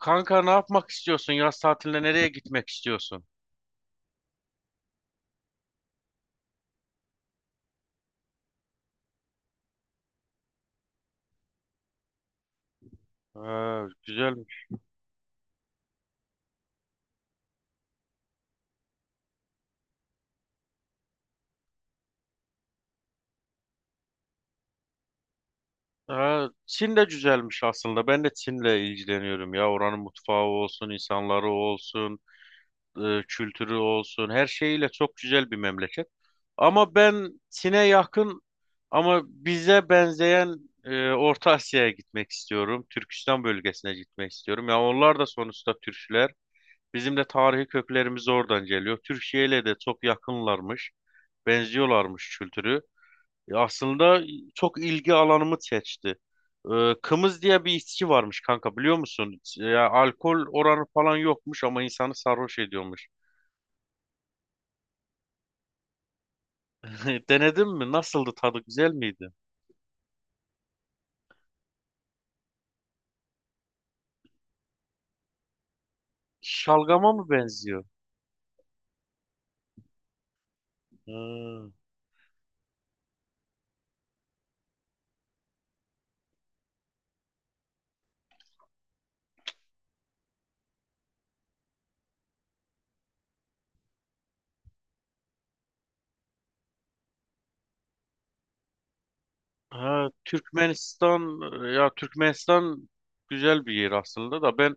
Kanka ne yapmak istiyorsun? Yaz tatiline nereye gitmek istiyorsun? Ha, güzelmiş. Ha, Çin de güzelmiş aslında. Ben de Çin'le ilgileniyorum ya. Oranın mutfağı olsun, insanları olsun, kültürü olsun. Her şeyiyle çok güzel bir memleket. Ama ben Çin'e yakın ama bize benzeyen Orta Asya'ya gitmek istiyorum. Türkistan bölgesine gitmek istiyorum. Ya onlar da sonuçta Türkler. Bizim de tarihi köklerimiz oradan geliyor. Türkiye ile de çok yakınlarmış. Benziyorlarmış kültürü. Aslında çok ilgi alanımı seçti. Kımız diye bir içki varmış kanka, biliyor musun? Ya alkol oranı falan yokmuş ama insanı sarhoş ediyormuş. Denedin mi? Nasıldı tadı? Güzel miydi? Şalgama mı benziyor? Hmm. Ha, Türkmenistan, ya Türkmenistan güzel bir yer aslında da ben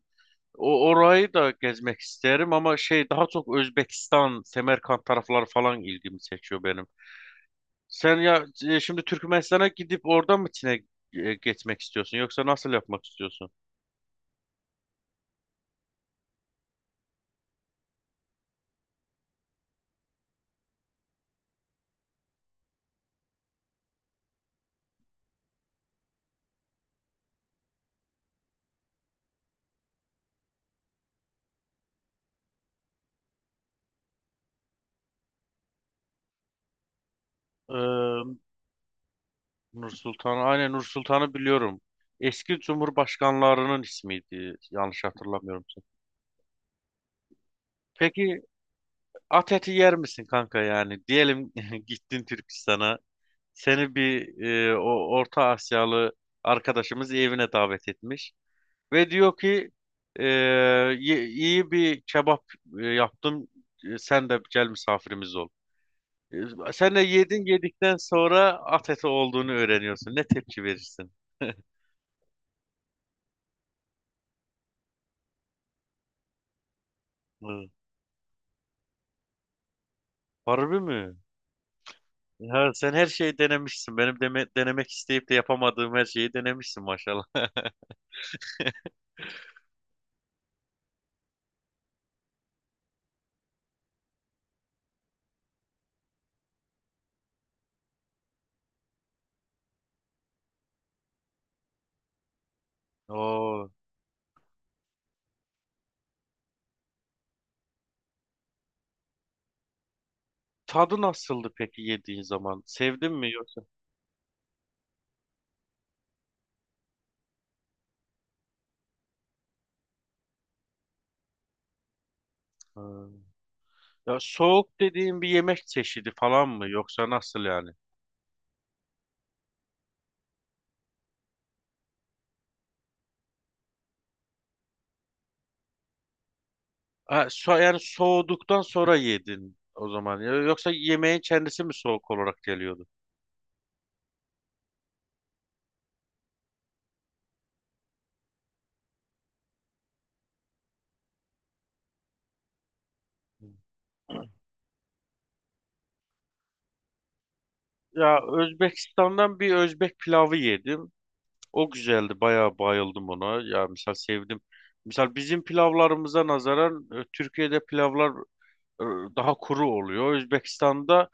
orayı da gezmek isterim ama şey, daha çok Özbekistan, Semerkant tarafları falan ilgimi çekiyor benim. Sen ya, şimdi Türkmenistan'a gidip oradan mı Çin'e geçmek istiyorsun, yoksa nasıl yapmak istiyorsun? Ee, Nur Sultan, aynen, Nur Sultan'ı biliyorum. Eski cumhurbaşkanlarının ismiydi, yanlış hatırlamıyorum. Peki at eti yer misin kanka, yani? Diyelim gittin Türkistan'a. Seni bir o Orta Asyalı arkadaşımız evine davet etmiş ve diyor ki e, iyi bir kebap yaptım. E, Sen de gel, misafirimiz ol. E, Sen de yedin, yedikten sonra at eti olduğunu öğreniyorsun. Ne tepki verirsin? Hı. Harbi mi? Ya sen her şeyi denemişsin. Benim denemek isteyip de yapamadığım her şeyi denemişsin maşallah. Oo. Tadı nasıldı peki yediğin zaman? Sevdin mi yoksa? Hı. Ya soğuk dediğin bir yemek çeşidi falan mı, yoksa nasıl yani? Ha, so yani soğuduktan sonra yedin o zaman. Ya yoksa yemeğin kendisi mi soğuk olarak geliyordu? Hı. Ya Özbekistan'dan bir Özbek pilavı yedim. O güzeldi. Bayağı bayıldım ona. Ya misal sevdim. Misal bizim pilavlarımıza nazaran Türkiye'de pilavlar e, daha kuru oluyor. Özbekistan'da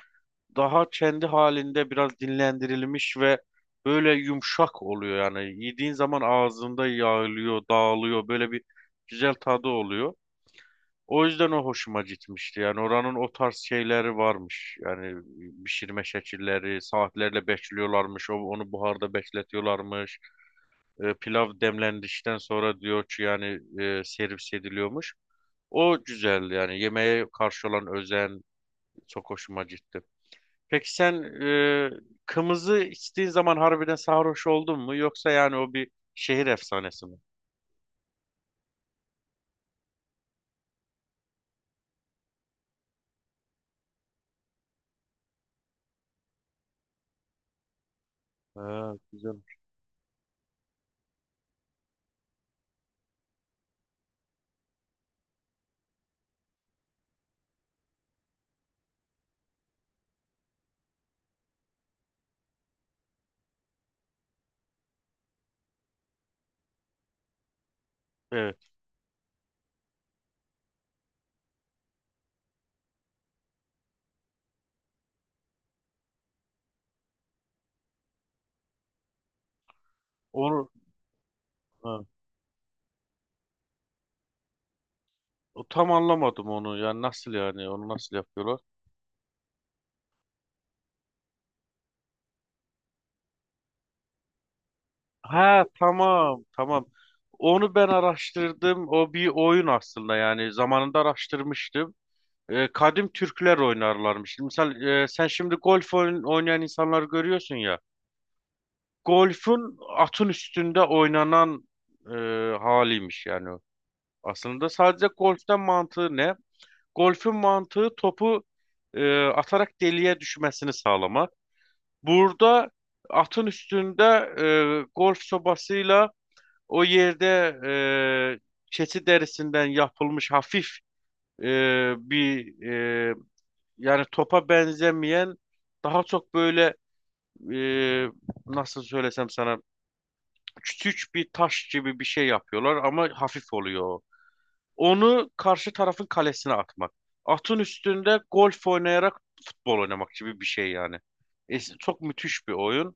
daha kendi halinde biraz dinlendirilmiş ve böyle yumuşak oluyor. Yani yediğin zaman ağzında yağılıyor, dağılıyor. Böyle bir güzel tadı oluyor. O yüzden o hoşuma gitmişti. Yani oranın o tarz şeyleri varmış. Yani pişirme şekilleri, saatlerle bekliyorlarmış. Onu buharda bekletiyorlarmış. Pilav demlendikten sonra diyor ki yani servis ediliyormuş. O güzeldi, yani yemeğe karşı olan özen çok hoşuma gitti. Peki sen, kımızı içtiğin zaman harbiden sarhoş oldun mu? Yoksa yani o bir şehir efsanesi mi? Ha, güzel. Evet. Onu, ha. O tam anlamadım onu. Yani nasıl yani? Onu nasıl yapıyorlar? Ha, tamam tamam. Onu ben araştırdım. O bir oyun aslında, yani zamanında araştırmıştım. Kadim Türkler oynarlarmış. Misal, sen şimdi oynayan insanları görüyorsun ya. Golfün atın üstünde oynanan e, haliymiş yani. O. Aslında sadece golften mantığı ne? Golfün mantığı topu atarak deliğe düşmesini sağlamak. Burada atın üstünde golf sobasıyla o yerde e, keçi derisinden yapılmış hafif e, bir e, yani topa benzemeyen, daha çok böyle, e, nasıl söylesem sana, küçük bir taş gibi bir şey yapıyorlar ama hafif oluyor. O. Onu karşı tarafın kalesine atmak. Atın üstünde golf oynayarak futbol oynamak gibi bir şey yani. Çok müthiş bir oyun.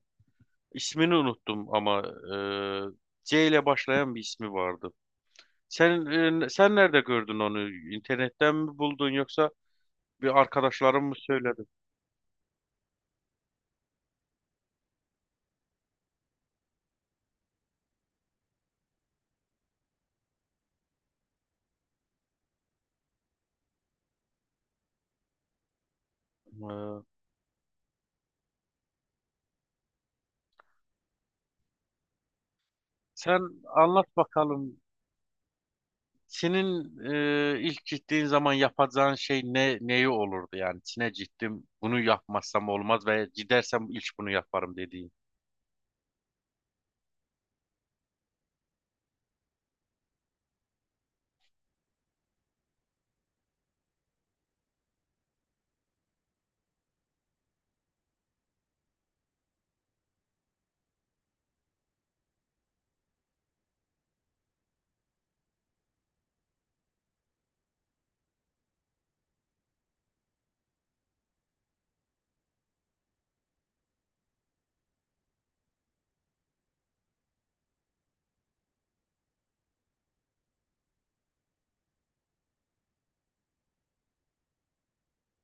İsmini unuttum ama C ile başlayan bir ismi vardı. Sen Sen nerede gördün onu? İnternetten mi buldun, yoksa bir arkadaşların mı söyledi? E, Sen anlat bakalım. Senin ilk gittiğin zaman yapacağın şey ne, neyi olurdu yani? Çin'e gittim. Bunu yapmazsam olmaz ve gidersem ilk bunu yaparım dediğin.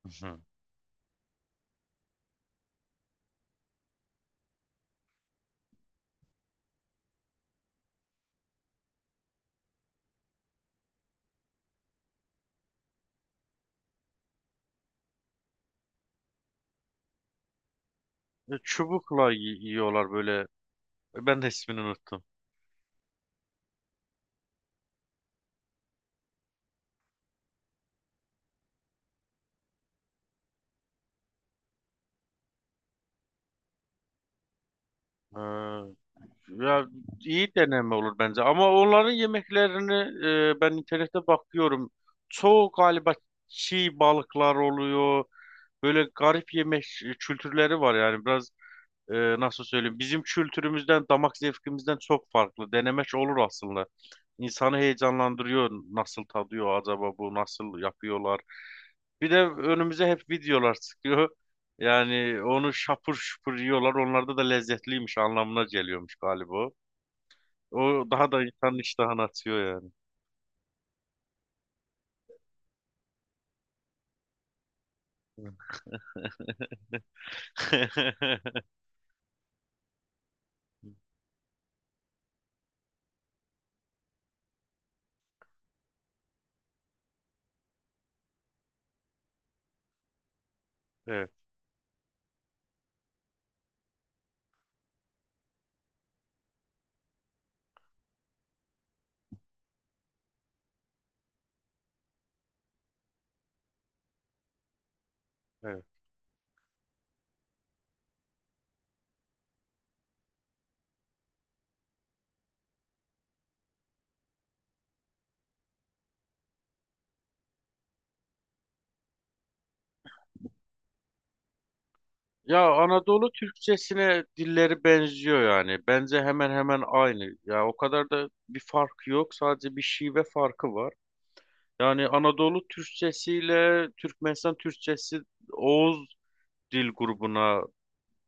Hı hı. Çubukla yiyorlar böyle. Ben de ismini unuttum. E, Ya iyi deneme olur bence, ama onların yemeklerini, ben internette bakıyorum. Çoğu galiba çiğ balıklar oluyor. Böyle garip yemek kültürleri var yani biraz, nasıl söyleyeyim, bizim kültürümüzden, damak zevkimizden çok farklı. Denemek olur aslında. İnsanı heyecanlandırıyor. Nasıl tadıyor acaba bu? Nasıl yapıyorlar? Bir de önümüze hep videolar çıkıyor. Yani onu şapur şupur yiyorlar. Onlarda da lezzetliymiş anlamına geliyormuş galiba. O daha da insanın iştahını açıyor yani. Evet, evet. Ya Anadolu Türkçesine dilleri benziyor yani. Bence hemen hemen aynı. Ya o kadar da bir fark yok. Sadece bir şive farkı var. Yani Anadolu Türkçesiyle Türkmenistan Türkçesi Oğuz dil grubuna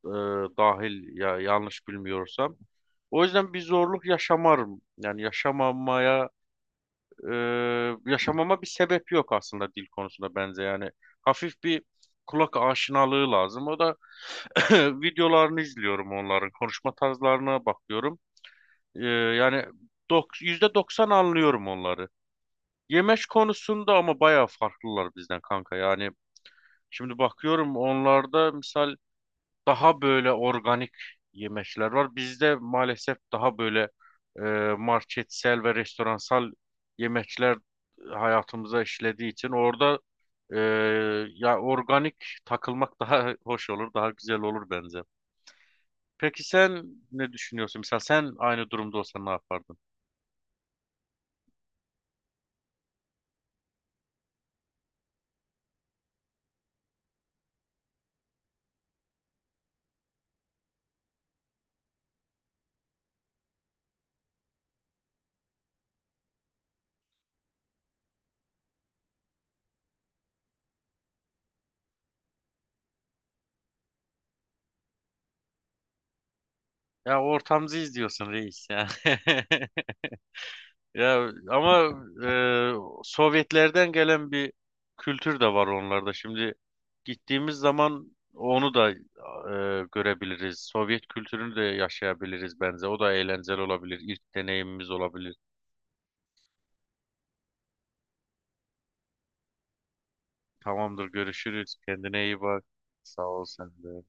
e, dahil ya, yanlış bilmiyorsam. O yüzden bir zorluk yaşamarım. Yaşamama bir sebep yok aslında dil konusunda bence yani. Hafif bir kulak aşinalığı lazım. O da videolarını izliyorum onların, konuşma tarzlarına bakıyorum. Yani %90 anlıyorum onları. Yemek konusunda ama bayağı farklılar bizden kanka. Yani şimdi bakıyorum onlarda, misal daha böyle organik yemekler var. Bizde maalesef daha böyle e, marketsel ve restoransal yemekler hayatımıza işlediği için, orada e, ya organik takılmak daha hoş olur, daha güzel olur bence. Peki sen ne düşünüyorsun? Mesela sen aynı durumda olsan ne yapardın? Ya ortamızı izliyorsun reis ya. Ya ama Sovyetlerden gelen bir kültür de var onlarda. Şimdi gittiğimiz zaman onu da görebiliriz. Sovyet kültürünü de yaşayabiliriz bence. O da eğlenceli olabilir. İlk deneyimimiz olabilir. Tamamdır, görüşürüz. Kendine iyi bak. Sağ ol sen de.